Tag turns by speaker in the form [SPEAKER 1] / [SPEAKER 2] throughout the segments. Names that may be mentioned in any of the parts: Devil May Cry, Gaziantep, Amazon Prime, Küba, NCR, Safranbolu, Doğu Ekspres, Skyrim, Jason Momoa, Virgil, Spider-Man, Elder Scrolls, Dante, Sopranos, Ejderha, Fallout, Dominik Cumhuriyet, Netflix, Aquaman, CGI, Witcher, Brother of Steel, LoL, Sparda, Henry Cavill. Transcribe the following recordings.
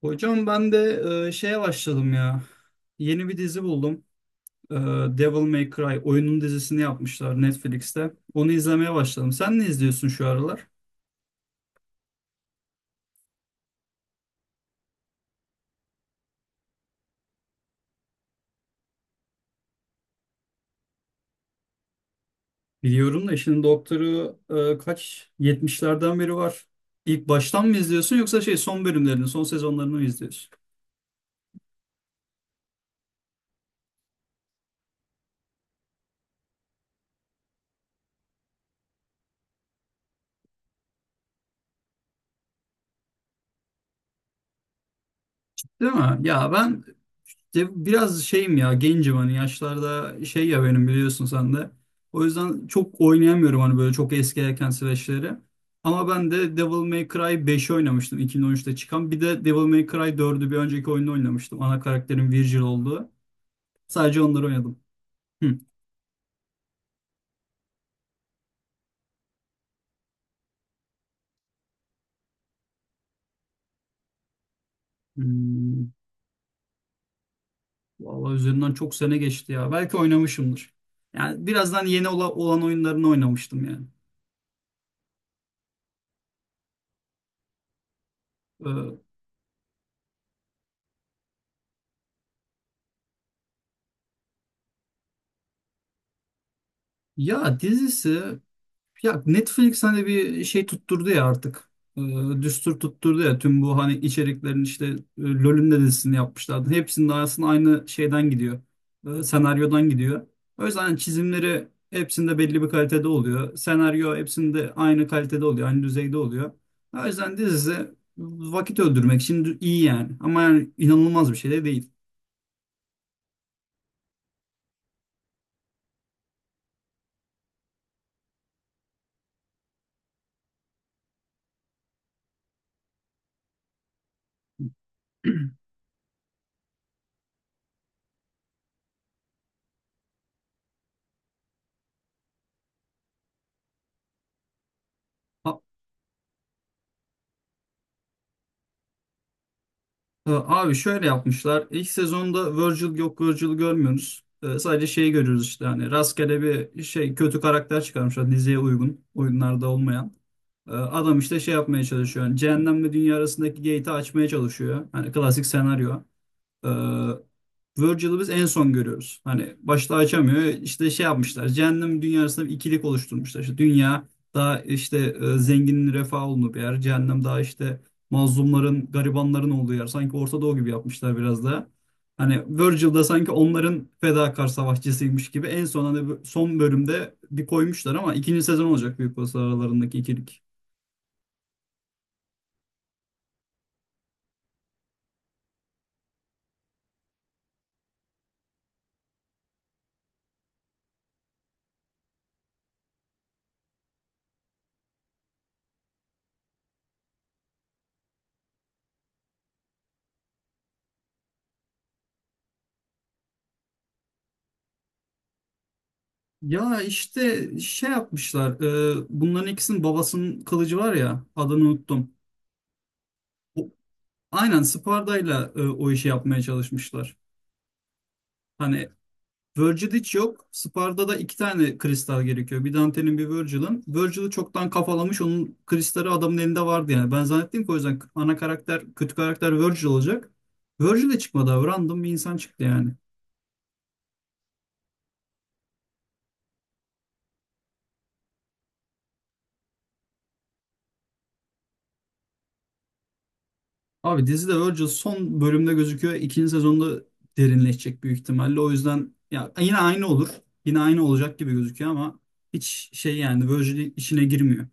[SPEAKER 1] Hocam ben de şeye başladım ya. Yeni bir dizi buldum. E, Devil May Cry oyunun dizisini yapmışlar Netflix'te. Onu izlemeye başladım. Sen ne izliyorsun şu aralar? Biliyorum da işin doktoru kaç? Yetmişlerden beri var. İlk baştan mı izliyorsun yoksa şey son bölümlerini, son sezonlarını mı izliyorsun? Değil mi? Ya ben Ya Biraz şeyim ya, gencim hani yaşlarda şey ya, benim biliyorsun sen de. O yüzden çok oynayamıyorum hani böyle çok eski erken süreçleri. Ama ben de Devil May Cry 5'i oynamıştım, 2013'te çıkan. Bir de Devil May Cry dördü bir önceki oyunda oynamıştım. Ana karakterin Virgil olduğu. Sadece onları oynadım. Hı. Hmm. Vallahi üzerinden çok sene geçti ya. Belki oynamışımdır. Yani birazdan olan oyunlarını oynamıştım yani. Ee, dizisi, ya Netflix hani bir şey tutturdu ya artık. Düstur tutturdu ya, tüm bu hani içeriklerin işte LoL'ün de dizisini yapmışlardı. Hepsinin arasında aynı şeyden gidiyor. Senaryodan gidiyor. O yüzden hani çizimleri hepsinde belli bir kalitede oluyor. Senaryo hepsinde aynı kalitede oluyor. Aynı düzeyde oluyor. O yüzden dizisi vakit öldürmek için iyi yani. Ama yani inanılmaz bir şey de değil. Abi şöyle yapmışlar. İlk sezonda Virgil yok, Virgil görmüyoruz. Sadece şeyi görüyoruz, işte hani rastgele bir şey kötü karakter çıkarmışlar diziye uygun. Oyunlarda olmayan. Adam işte şey yapmaya çalışıyor. Yani cehennemle dünya arasındaki gate'i açmaya çalışıyor. Hani klasik senaryo. Ee, Virgil'ı biz en son görüyoruz. Hani başta açamıyor. İşte şey yapmışlar. Cehennem dünyasında bir ikilik oluşturmuşlar. İşte dünya daha işte zenginin refah olduğu bir yer. Cehennem daha işte mazlumların, garibanların olduğu yer. Sanki Orta Doğu gibi yapmışlar biraz da. Hani Virgil da sanki onların fedakar savaşçısıymış gibi en son hani son bölümde bir koymuşlar ama ikinci sezon olacak büyük olasılıkla aralarındaki ikilik. Ya işte şey yapmışlar. Bunların ikisinin babasının kılıcı var ya, adını unuttum. Aynen Sparda'yla o işi yapmaya çalışmışlar. Hani Virgil hiç yok. Sparda'da iki tane kristal gerekiyor. Bir Dante'nin, bir Virgil'ın. Virgil'i çoktan kafalamış. Onun kristali adamın elinde vardı yani. Ben zannettim ki o yüzden ana karakter, kötü karakter Virgil olacak. Virgil de çıkmadı abi. Random bir insan çıktı yani. Abi dizide Virgil son bölümde gözüküyor. İkinci sezonda derinleşecek büyük ihtimalle. O yüzden ya yine aynı olur. Yine aynı olacak gibi gözüküyor ama hiç şey yani Virgil işine girmiyor.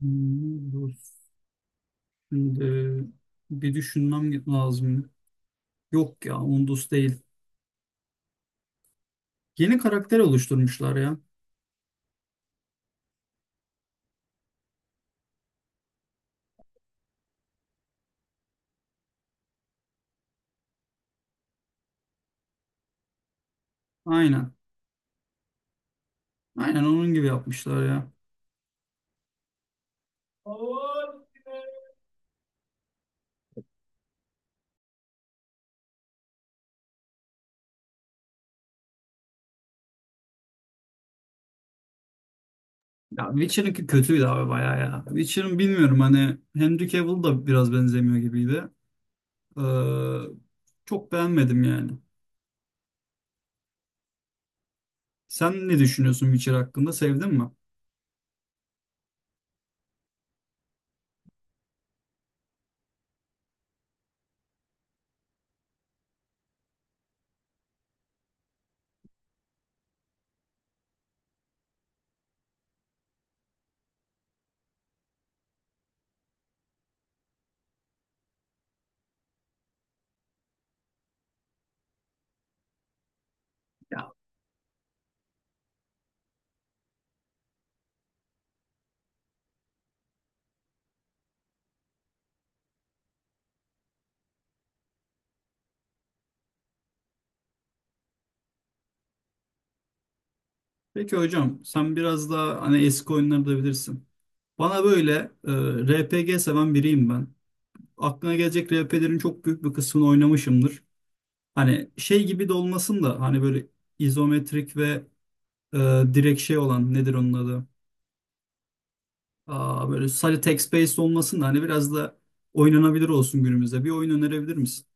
[SPEAKER 1] Hmm, doğru. Şimdi bir düşünmem lazım. Yok ya, Undus değil. Yeni karakter oluşturmuşlar ya. Aynen. Aynen onun gibi yapmışlar ya. Ya Witcher'ınki kötüydü abi bayağı ya. Witcher'ın bilmiyorum, hani Henry Cavill da biraz benzemiyor gibiydi. Ee, Çok beğenmedim yani. Sen ne düşünüyorsun Witcher hakkında? Sevdin mi? Ya peki hocam, sen biraz daha hani eski oyunları da bilirsin. Bana böyle e, RPG seven biriyim ben. Aklına gelecek RP'lerin çok büyük bir kısmını oynamışımdır. Hani şey gibi de olmasın da hani böyle izometrik ve e, direkt şey olan, nedir onun adı? Aa, böyle sadece text based olmasın da hani biraz da oynanabilir olsun günümüzde. Bir oyun önerebilir misin?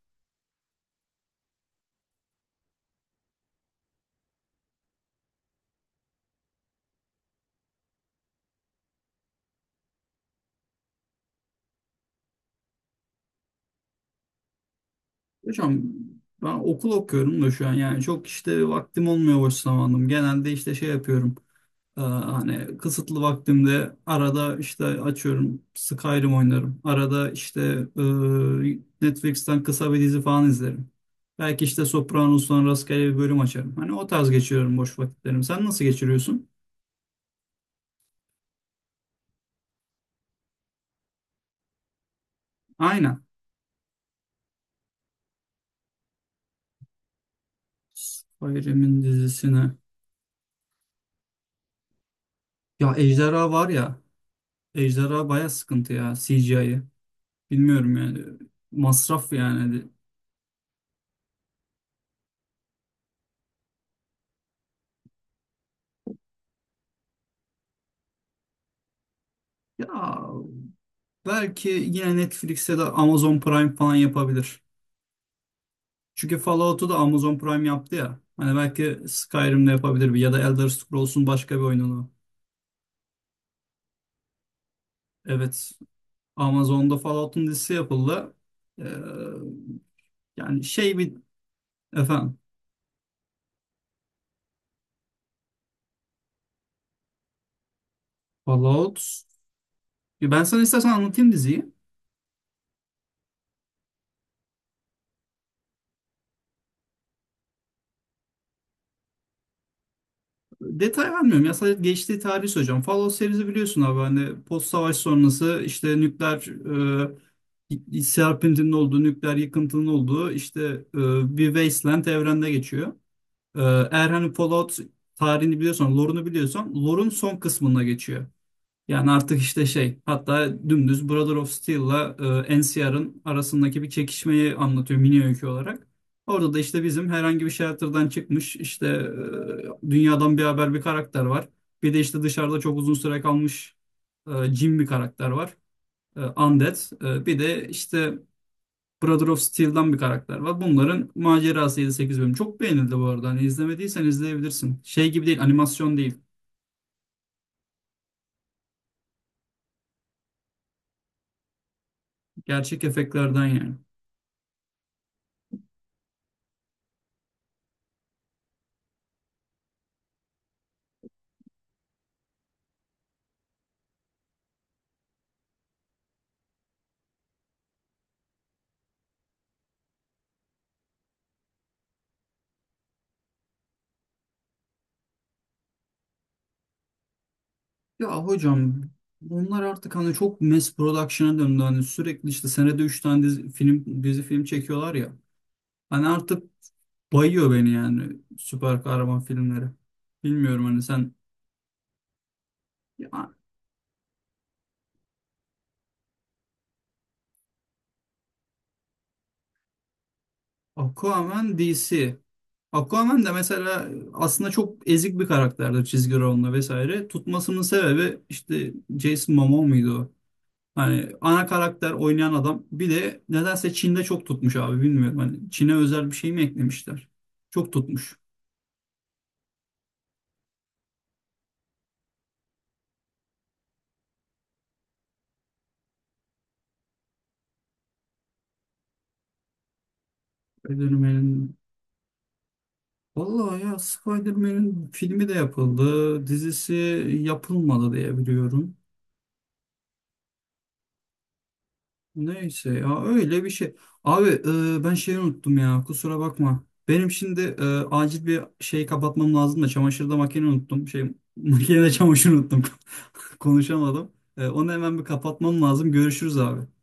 [SPEAKER 1] Hocam ben okul okuyorum da şu an, yani çok işte vaktim olmuyor boş zamanım. Genelde işte şey yapıyorum. Hani kısıtlı vaktimde arada işte açıyorum Skyrim oynarım. Arada işte e, Netflix'ten kısa bir dizi falan izlerim. Belki işte Sopranos'tan rastgele bir bölüm açarım. Hani o tarz geçiriyorum boş vakitlerimi. Sen nasıl geçiriyorsun? Aynen. Skyrim'in dizisine. Ya Ejderha var ya. Ejderha baya sıkıntı ya CGI'yi. Bilmiyorum yani. Masraf yani. Ya belki yine Netflix'e de Amazon Prime falan yapabilir. Çünkü Fallout'u da Amazon Prime yaptı ya. Hani belki Skyrim'de yapabilir, bir ya da Elder Scrolls'un başka bir oyununu. Evet. Amazon'da Fallout'un dizisi yapıldı. Ee, Yani şey bir, efendim, Fallout. Ya ben sana istersen anlatayım diziyi. Detay vermiyorum ya, sadece geçtiği tarihi söyleyeceğim. Fallout serisi biliyorsun abi, hani post savaş sonrası işte nükleer serpintinin olduğu, nükleer yıkıntının olduğu işte bir wasteland evrende geçiyor. Ee, Eğer hani Fallout tarihini biliyorsan, lore'unu biliyorsan, lore'un son kısmına geçiyor. Yani artık işte şey, hatta dümdüz Brother of Steel'la NCR'ın arasındaki bir çekişmeyi anlatıyor mini öykü olarak. Orada da işte bizim herhangi bir shelter'dan çıkmış işte dünyadan bir haber bir karakter var. Bir de işte dışarıda çok uzun süre kalmış Jim bir karakter var. E, Undead. Bir de işte Brother of Steel'dan bir karakter var. Bunların macerası 7-8 bölüm. Çok beğenildi bu arada. Hani izlemediysen izleyebilirsin. Şey gibi değil, animasyon değil. Gerçek efektlerden yani. Ya hocam, bunlar artık hani çok mass production'a döndü. Hani sürekli işte senede 3 tane dizi film, dizi film çekiyorlar ya. Hani artık bayıyor beni yani süper kahraman filmleri. Bilmiyorum hani sen. Ya, Aquaman DC. Aquaman da mesela aslında çok ezik bir karakterdir çizgi romanla vesaire. Tutmasının sebebi işte Jason Momoa muydu o? Hani ana karakter oynayan adam, bir de nedense Çin'de çok tutmuş abi, bilmiyorum. Hani Çin'e özel bir şey mi eklemişler? Çok tutmuş. Spider-Man'in, vallahi ya, Spider-Man'in filmi de yapıldı, dizisi yapılmadı diye biliyorum. Neyse ya, öyle bir şey. Abi ben şeyi unuttum ya, kusura bakma. Benim şimdi acil bir şey kapatmam lazım da, çamaşırda makine unuttum. Şey makinede çamaşır unuttum. Konuşamadım. Onu hemen bir kapatmam lazım. Görüşürüz abi.